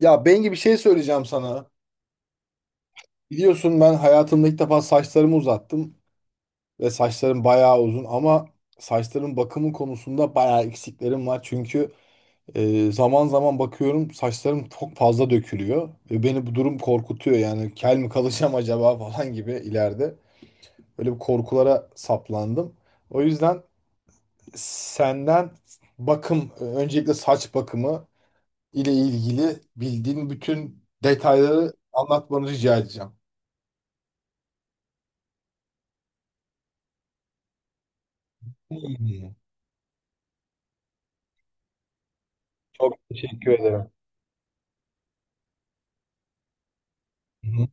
Ya Bengi bir şey söyleyeceğim sana. Biliyorsun ben hayatımda ilk defa saçlarımı uzattım ve saçlarım bayağı uzun ama saçların bakımı konusunda bayağı eksiklerim var. Çünkü zaman zaman bakıyorum saçlarım çok fazla dökülüyor ve beni bu durum korkutuyor. Yani kel mi kalacağım acaba falan gibi ileride. Böyle bir korkulara saplandım. O yüzden senden bakım, öncelikle saç bakımı ile ilgili bildiğin bütün detayları anlatmanı rica edeceğim. İyi. Çok teşekkür ederim. Hı.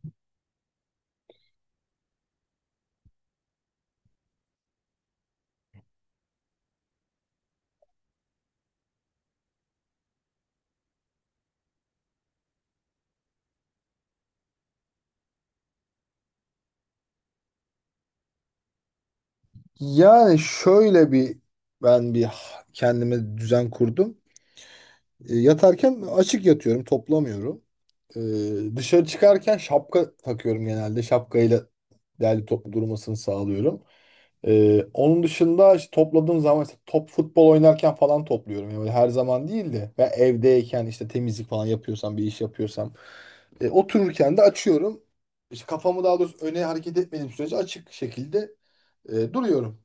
Yani şöyle bir ben kendime düzen kurdum. Yatarken açık yatıyorum, toplamıyorum. Dışarı çıkarken şapka takıyorum genelde. Şapkayla derli toplu durmasını sağlıyorum. Onun dışında işte topladığım zaman işte top futbol oynarken falan topluyorum. Yani böyle her zaman değil de ve evdeyken işte temizlik falan yapıyorsam bir iş yapıyorsam otururken de açıyorum. İşte kafamı daha doğrusu öne hareket etmediğim sürece açık şekilde duruyorum.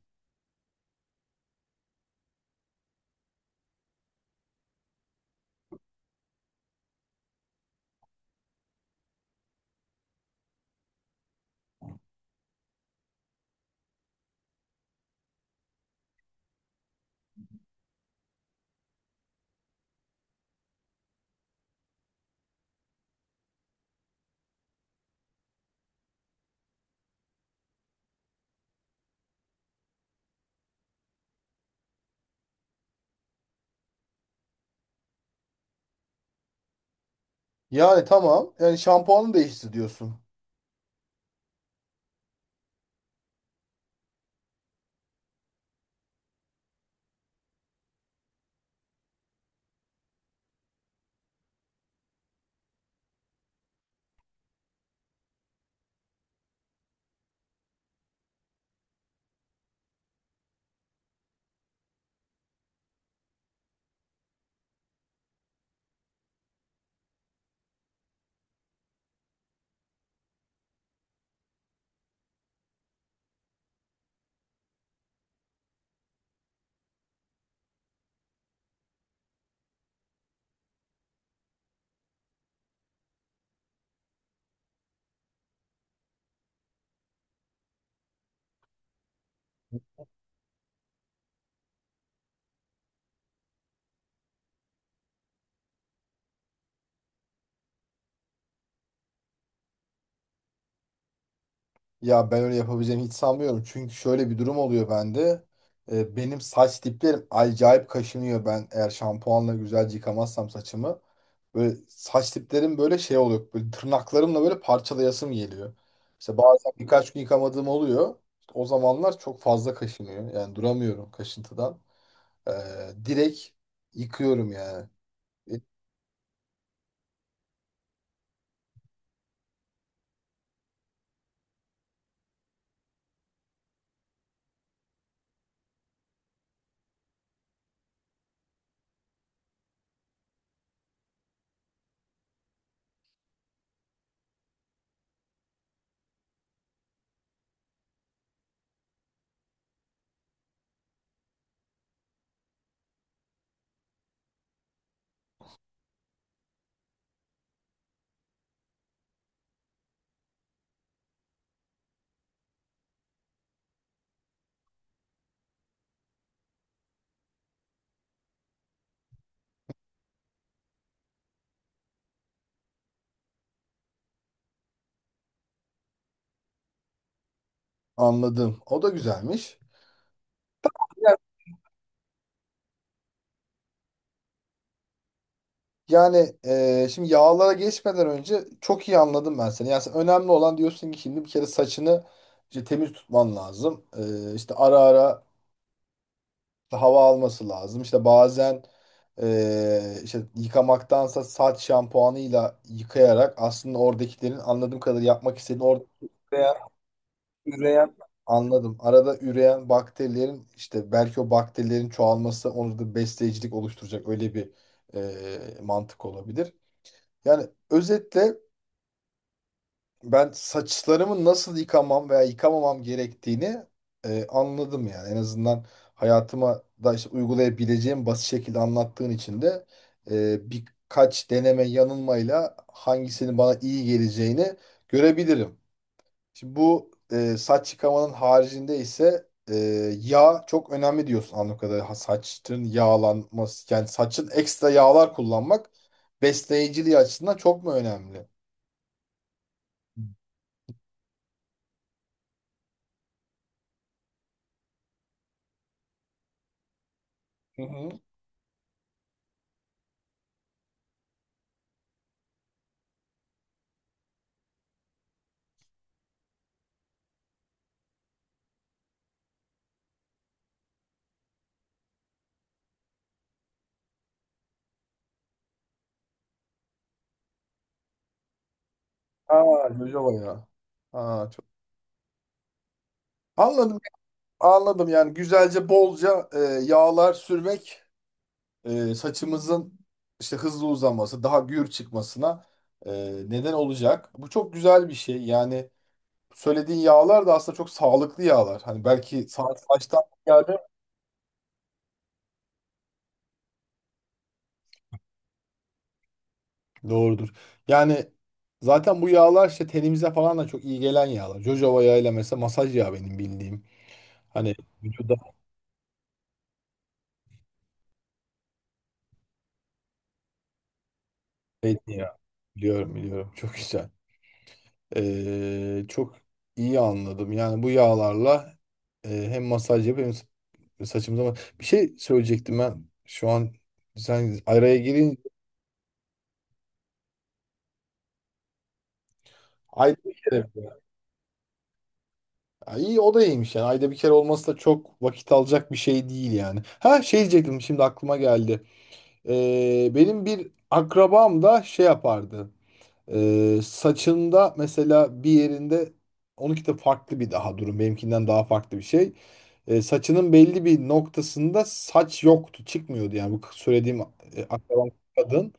Yani tamam. Yani şampuanı değişti diyorsun. Ya ben öyle yapabileceğimi hiç sanmıyorum. Çünkü şöyle bir durum oluyor bende. Benim saç diplerim acayip kaşınıyor. Ben eğer şampuanla güzelce yıkamazsam saçımı. Böyle saç diplerim böyle şey oluyor. Böyle tırnaklarımla böyle parçalayasım geliyor. İşte bazen birkaç gün yıkamadığım oluyor. İşte o zamanlar çok fazla kaşınıyor. Yani duramıyorum kaşıntıdan. Direkt yıkıyorum yani. E, Anladım. O da güzelmiş. Yani şimdi yağlara geçmeden önce çok iyi anladım ben seni. Yani sen önemli olan diyorsun ki şimdi bir kere saçını işte temiz tutman lazım. İşte ara ara işte hava alması lazım. İşte bazen işte yıkamaktansa saç şampuanıyla yıkayarak aslında oradakilerin anladığım kadarıyla yapmak istediğin orada üreyen, üreyen anladım. Arada üreyen bakterilerin işte belki o bakterilerin çoğalması onu da besleyicilik oluşturacak öyle bir mantık olabilir. Yani özetle ben saçlarımı nasıl yıkamam veya yıkamamam gerektiğini anladım yani. En azından hayatıma da işte uygulayabileceğim basit şekilde anlattığın için de birkaç deneme yanılmayla hangisinin bana iyi geleceğini görebilirim. Şimdi bu saç yıkamanın haricinde ise yağ çok önemli diyorsun anladığım kadarıyla. Ha, saçın yağlanması yani saçın ekstra yağlar kullanmak besleyiciliği açısından çok mu önemli? Hı hı. Aa, jojoba ya. Aa, çok... Anladım, anladım. Yani güzelce, bolca yağlar sürmek saçımızın işte hızlı uzaması, daha gür çıkmasına e, neden olacak. Bu çok güzel bir şey. Yani söylediğin yağlar da aslında çok sağlıklı yağlar. Hani belki saçtan geldi. Doğrudur. Yani zaten bu yağlar işte tenimize falan da çok iyi gelen yağlar. Jojoba yağıyla mesela masaj yağı benim bildiğim. Hani vücuda zeytinyağı. Biliyorum, biliyorum. Çok güzel. Çok iyi anladım. Yani bu yağlarla hem masaj yapıp hem saçımıza bir şey söyleyecektim ben. Şu an sen araya girince ayda bir kere. Mi? Ha, İyi o da iyiymiş yani. Ayda bir kere olması da çok vakit alacak bir şey değil yani. Ha şey diyecektim şimdi aklıma geldi. Benim bir akrabam da şey yapardı. Saçında mesela bir yerinde onunki de farklı bir daha durum. Benimkinden daha farklı bir şey. Saçının belli bir noktasında saç yoktu. Çıkmıyordu yani bu söylediğim akrabam kadın.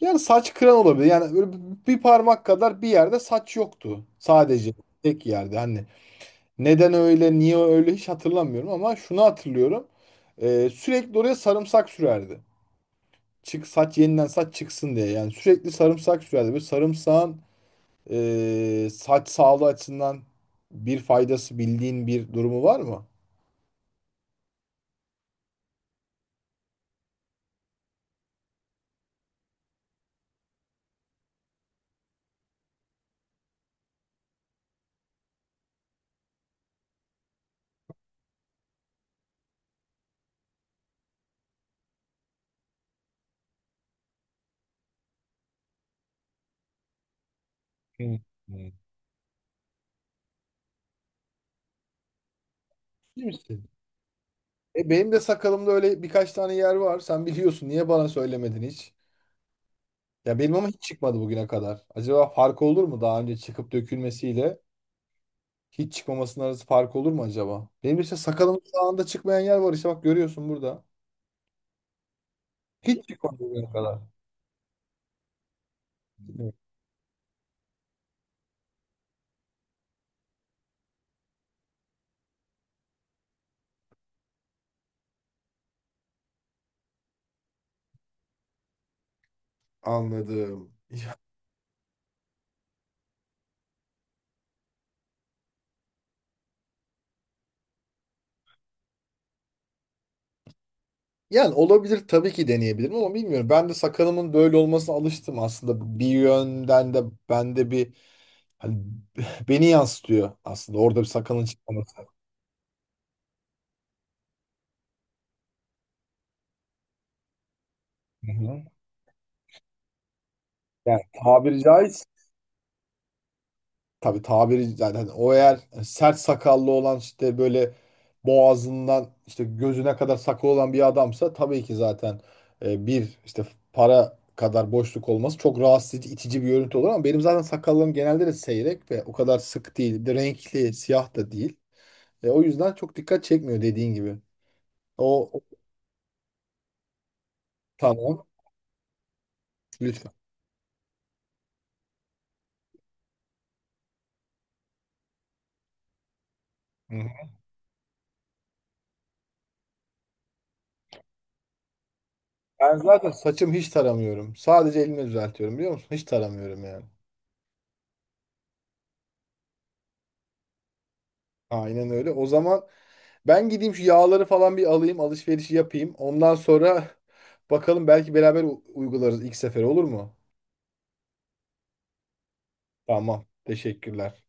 Yani saç kıran olabilir. Yani böyle bir parmak kadar bir yerde saç yoktu. Sadece tek yerde. Hani neden öyle, niye öyle hiç hatırlamıyorum ama şunu hatırlıyorum. Sürekli oraya sarımsak sürerdi. Çık saç yeniden saç çıksın diye. Yani sürekli sarımsak sürerdi. Böyle sarımsağın saç sağlığı açısından bir faydası bildiğin bir durumu var mı? Evet. Evet. Değil misin? Benim de sakalımda öyle birkaç tane yer var. Sen biliyorsun. Niye bana söylemedin hiç? Ya benim ama hiç çıkmadı bugüne kadar. Acaba fark olur mu daha önce çıkıp dökülmesiyle hiç çıkmamasının arası fark olur mu acaba? Benim işte sakalımın sağında çıkmayan yer var işte bak görüyorsun burada. Hiç çıkmadı bugüne kadar. Evet. Anladım. Yani olabilir tabii ki deneyebilirim ama bilmiyorum. Ben de sakalımın böyle olmasına alıştım aslında. Bir yönden de bende bir hani beni yansıtıyor aslında. Orada bir sakalın çıkması. Hı hı. Yani tabiri caizse tabii tabiri yani hani o eğer sert sakallı olan işte böyle boğazından işte gözüne kadar sakal olan bir adamsa tabii ki zaten bir işte para kadar boşluk olması çok rahatsız edici, itici bir görüntü olur ama benim zaten sakallarım genelde de seyrek ve o kadar sık değil. Bir de renkli, siyah da değil. O yüzden çok dikkat çekmiyor dediğin gibi. O o- tamam, lütfen. Hı hı. Ben zaten saçım hiç taramıyorum. Sadece elimi düzeltiyorum biliyor musun? Hiç taramıyorum yani. Aynen öyle. O zaman ben gideyim şu yağları falan bir alayım, alışverişi yapayım. Ondan sonra bakalım belki beraber uygularız ilk sefer olur mu? Tamam. Teşekkürler.